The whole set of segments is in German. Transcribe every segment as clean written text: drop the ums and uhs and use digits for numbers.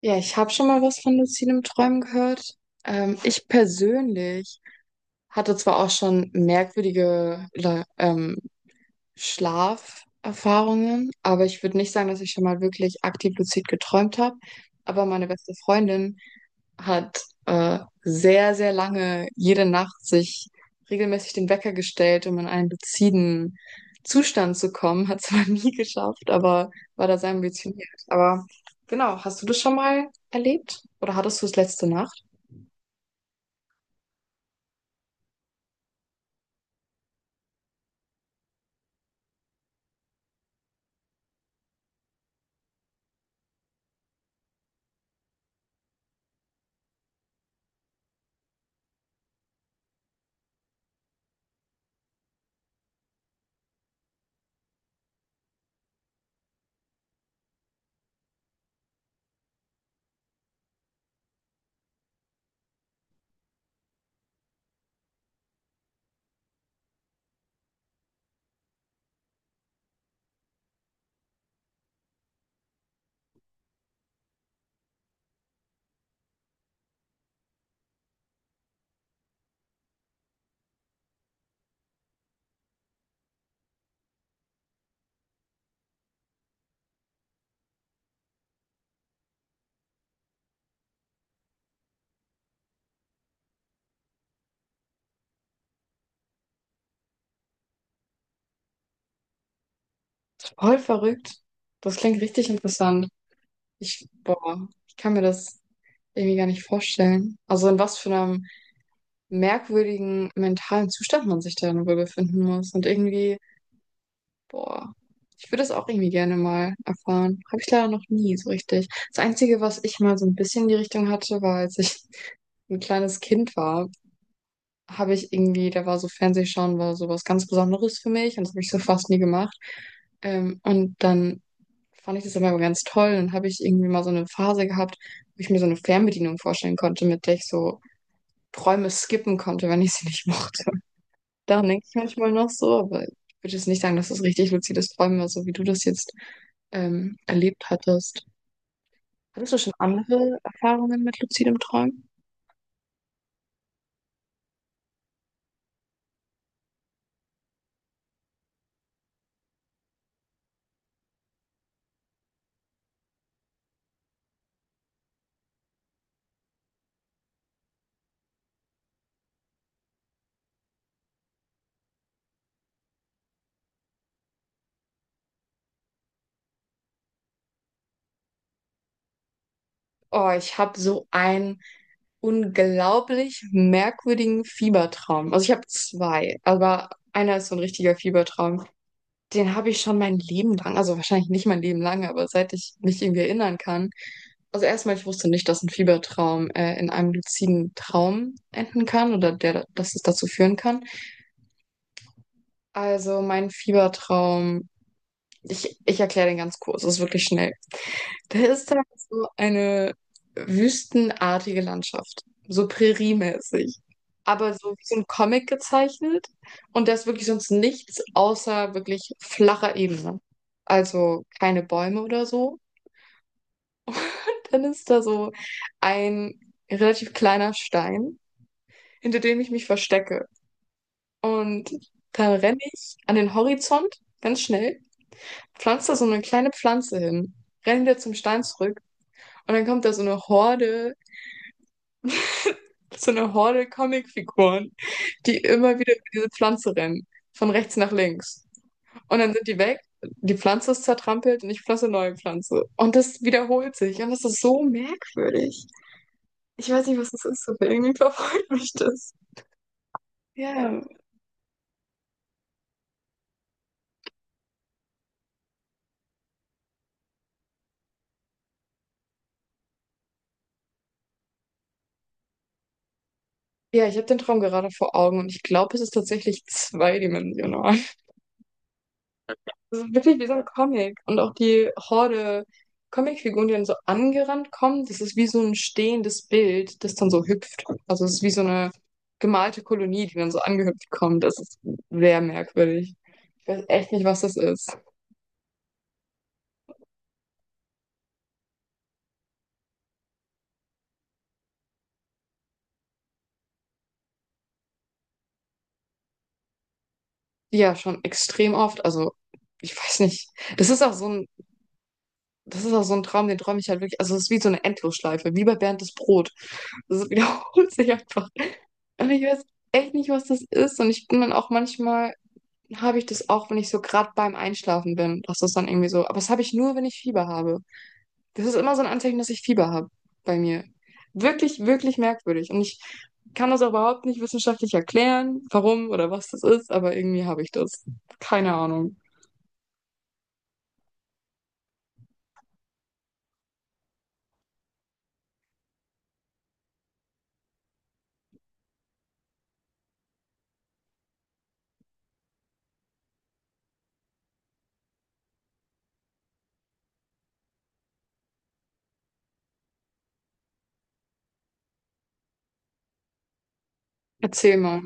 Ja, ich habe schon mal was von luzidem Träumen gehört. Ich persönlich hatte zwar auch schon merkwürdige oder Schlaferfahrungen, aber ich würde nicht sagen, dass ich schon mal wirklich aktiv luzid geträumt habe. Aber meine beste Freundin hat sehr, sehr lange jede Nacht sich regelmäßig den Wecker gestellt, um in einen luziden Zustand zu kommen. Hat zwar nie geschafft, aber war da sehr ambitioniert. Aber genau, hast du das schon mal erlebt? Oder hattest du es letzte Nacht? Voll verrückt. Das klingt richtig interessant. Ich, boah, ich kann mir das irgendwie gar nicht vorstellen. Also in was für einem merkwürdigen mentalen Zustand man sich dann wohl befinden muss. Und irgendwie, boah, ich würde das auch irgendwie gerne mal erfahren. Habe ich leider noch nie so richtig. Das Einzige, was ich mal so ein bisschen in die Richtung hatte, war, als ich ein kleines Kind war, habe ich irgendwie, da war so Fernsehschauen war so was ganz Besonderes für mich und das habe ich so fast nie gemacht. Und dann fand ich das immer ganz toll. Dann habe ich irgendwie mal so eine Phase gehabt, wo ich mir so eine Fernbedienung vorstellen konnte, mit der ich so Träume skippen konnte, wenn ich sie nicht mochte. Daran denke ich manchmal noch so, aber ich würde jetzt nicht sagen, dass das richtig luzides Träumen war, so wie du das jetzt erlebt hattest. Hattest du schon andere Erfahrungen mit luzidem Träumen? Oh, ich habe so einen unglaublich merkwürdigen Fiebertraum. Also ich habe zwei, aber einer ist so ein richtiger Fiebertraum. Den habe ich schon mein Leben lang, also wahrscheinlich nicht mein Leben lang, aber seit ich mich irgendwie erinnern kann. Also erstmal, ich wusste nicht, dass ein Fiebertraum in einem luziden Traum enden kann oder der, dass es dazu führen kann. Also mein Fiebertraum, ich erkläre den ganz kurz, es ist wirklich schnell. Das ist dann so eine wüstenartige Landschaft, so präriemäßig, aber so wie so ein Comic gezeichnet, und da ist wirklich sonst nichts außer wirklich flacher Ebene. Also keine Bäume oder so. Dann ist da so ein relativ kleiner Stein, hinter dem ich mich verstecke. Und dann renne ich an den Horizont ganz schnell, pflanze da so eine kleine Pflanze hin, renne wieder zum Stein zurück, und dann kommt da so eine Horde Comicfiguren, die immer wieder über diese Pflanze rennen, von rechts nach links. Und dann sind die weg, die Pflanze ist zertrampelt und ich pflanze neue Pflanze. Und das wiederholt sich und das ist so merkwürdig. Ich weiß nicht, was das ist, aber irgendwie verfolgt mich das. Ja, ja, ich habe den Traum gerade vor Augen und ich glaube, es ist tatsächlich zweidimensional. Das ist wirklich wie so ein Comic. Und auch die Horde Comicfiguren, die dann so angerannt kommen, das ist wie so ein stehendes Bild, das dann so hüpft. Also es ist wie so eine gemalte Kolonie, die dann so angehüpft kommt. Das ist sehr merkwürdig. Ich weiß echt nicht, was das ist. Ja, schon extrem oft. Also ich weiß nicht. Das ist auch so ein, das ist auch so ein Traum, den träume ich halt wirklich. Also es ist wie so eine Endlosschleife, wie bei Bernd das Brot. Das wiederholt sich einfach. Und ich weiß echt nicht, was das ist. Und ich bin dann auch manchmal, habe ich das auch, wenn ich so gerade beim Einschlafen bin, dass das dann irgendwie so. Aber das habe ich nur, wenn ich Fieber habe. Das ist immer so ein Anzeichen, dass ich Fieber habe bei mir. Wirklich, wirklich merkwürdig. Und ich kann das auch überhaupt nicht wissenschaftlich erklären, warum oder was das ist, aber irgendwie habe ich das. Keine Ahnung. Erzähl mal.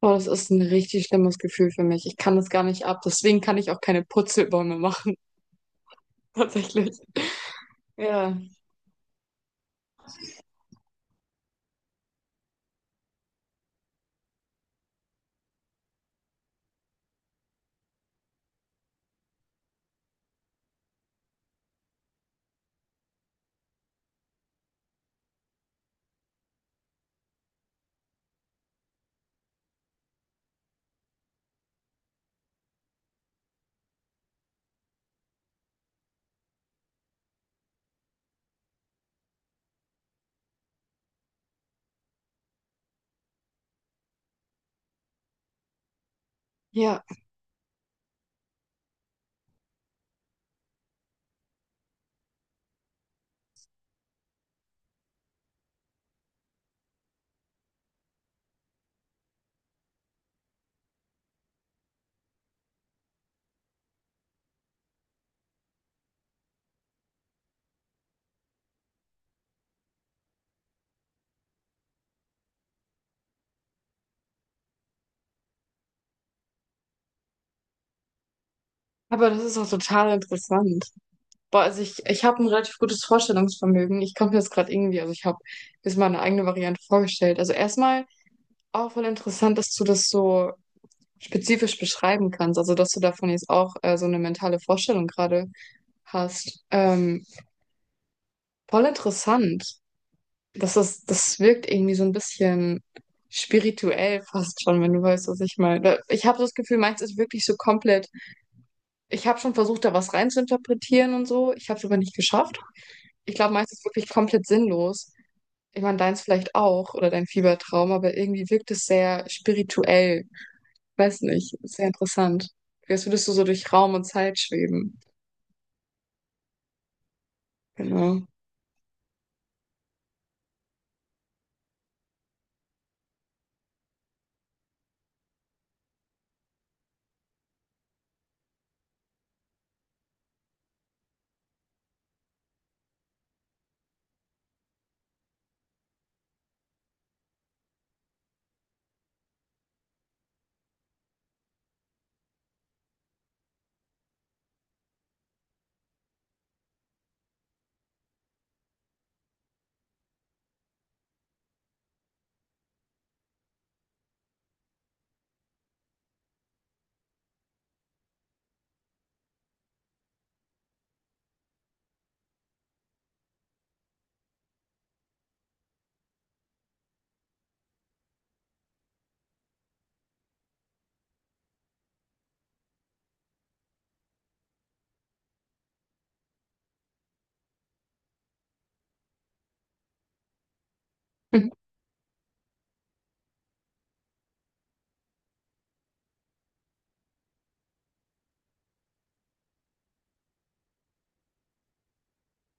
Boah, das ist ein richtig schlimmes Gefühl für mich. Ich kann das gar nicht ab. Deswegen kann ich auch keine Purzelbäume machen, tatsächlich. Ja. Ja, aber das ist auch total interessant. Boah, also ich habe ein relativ gutes Vorstellungsvermögen. Ich komme jetzt gerade irgendwie, also ich habe mir mal eine eigene Variante vorgestellt. Also erstmal auch voll interessant, dass du das so spezifisch beschreiben kannst. Also dass du davon jetzt auch so eine mentale Vorstellung gerade hast. Voll interessant. Das ist, das wirkt irgendwie so ein bisschen spirituell fast schon, wenn du weißt, was ich meine. Da- Ich habe das Gefühl, meins ist wirklich so komplett. Ich habe schon versucht, da was reinzuinterpretieren und so. Ich habe es aber nicht geschafft. Ich glaube, meins ist wirklich komplett sinnlos. Ich meine, deins vielleicht auch oder dein Fiebertraum, aber irgendwie wirkt es sehr spirituell. Weiß nicht, sehr interessant. Als würdest du so durch Raum und Zeit schweben. Genau.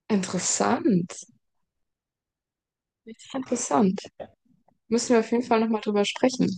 Interessant. Richtig interessant. Müssen wir auf jeden Fall nochmal drüber sprechen.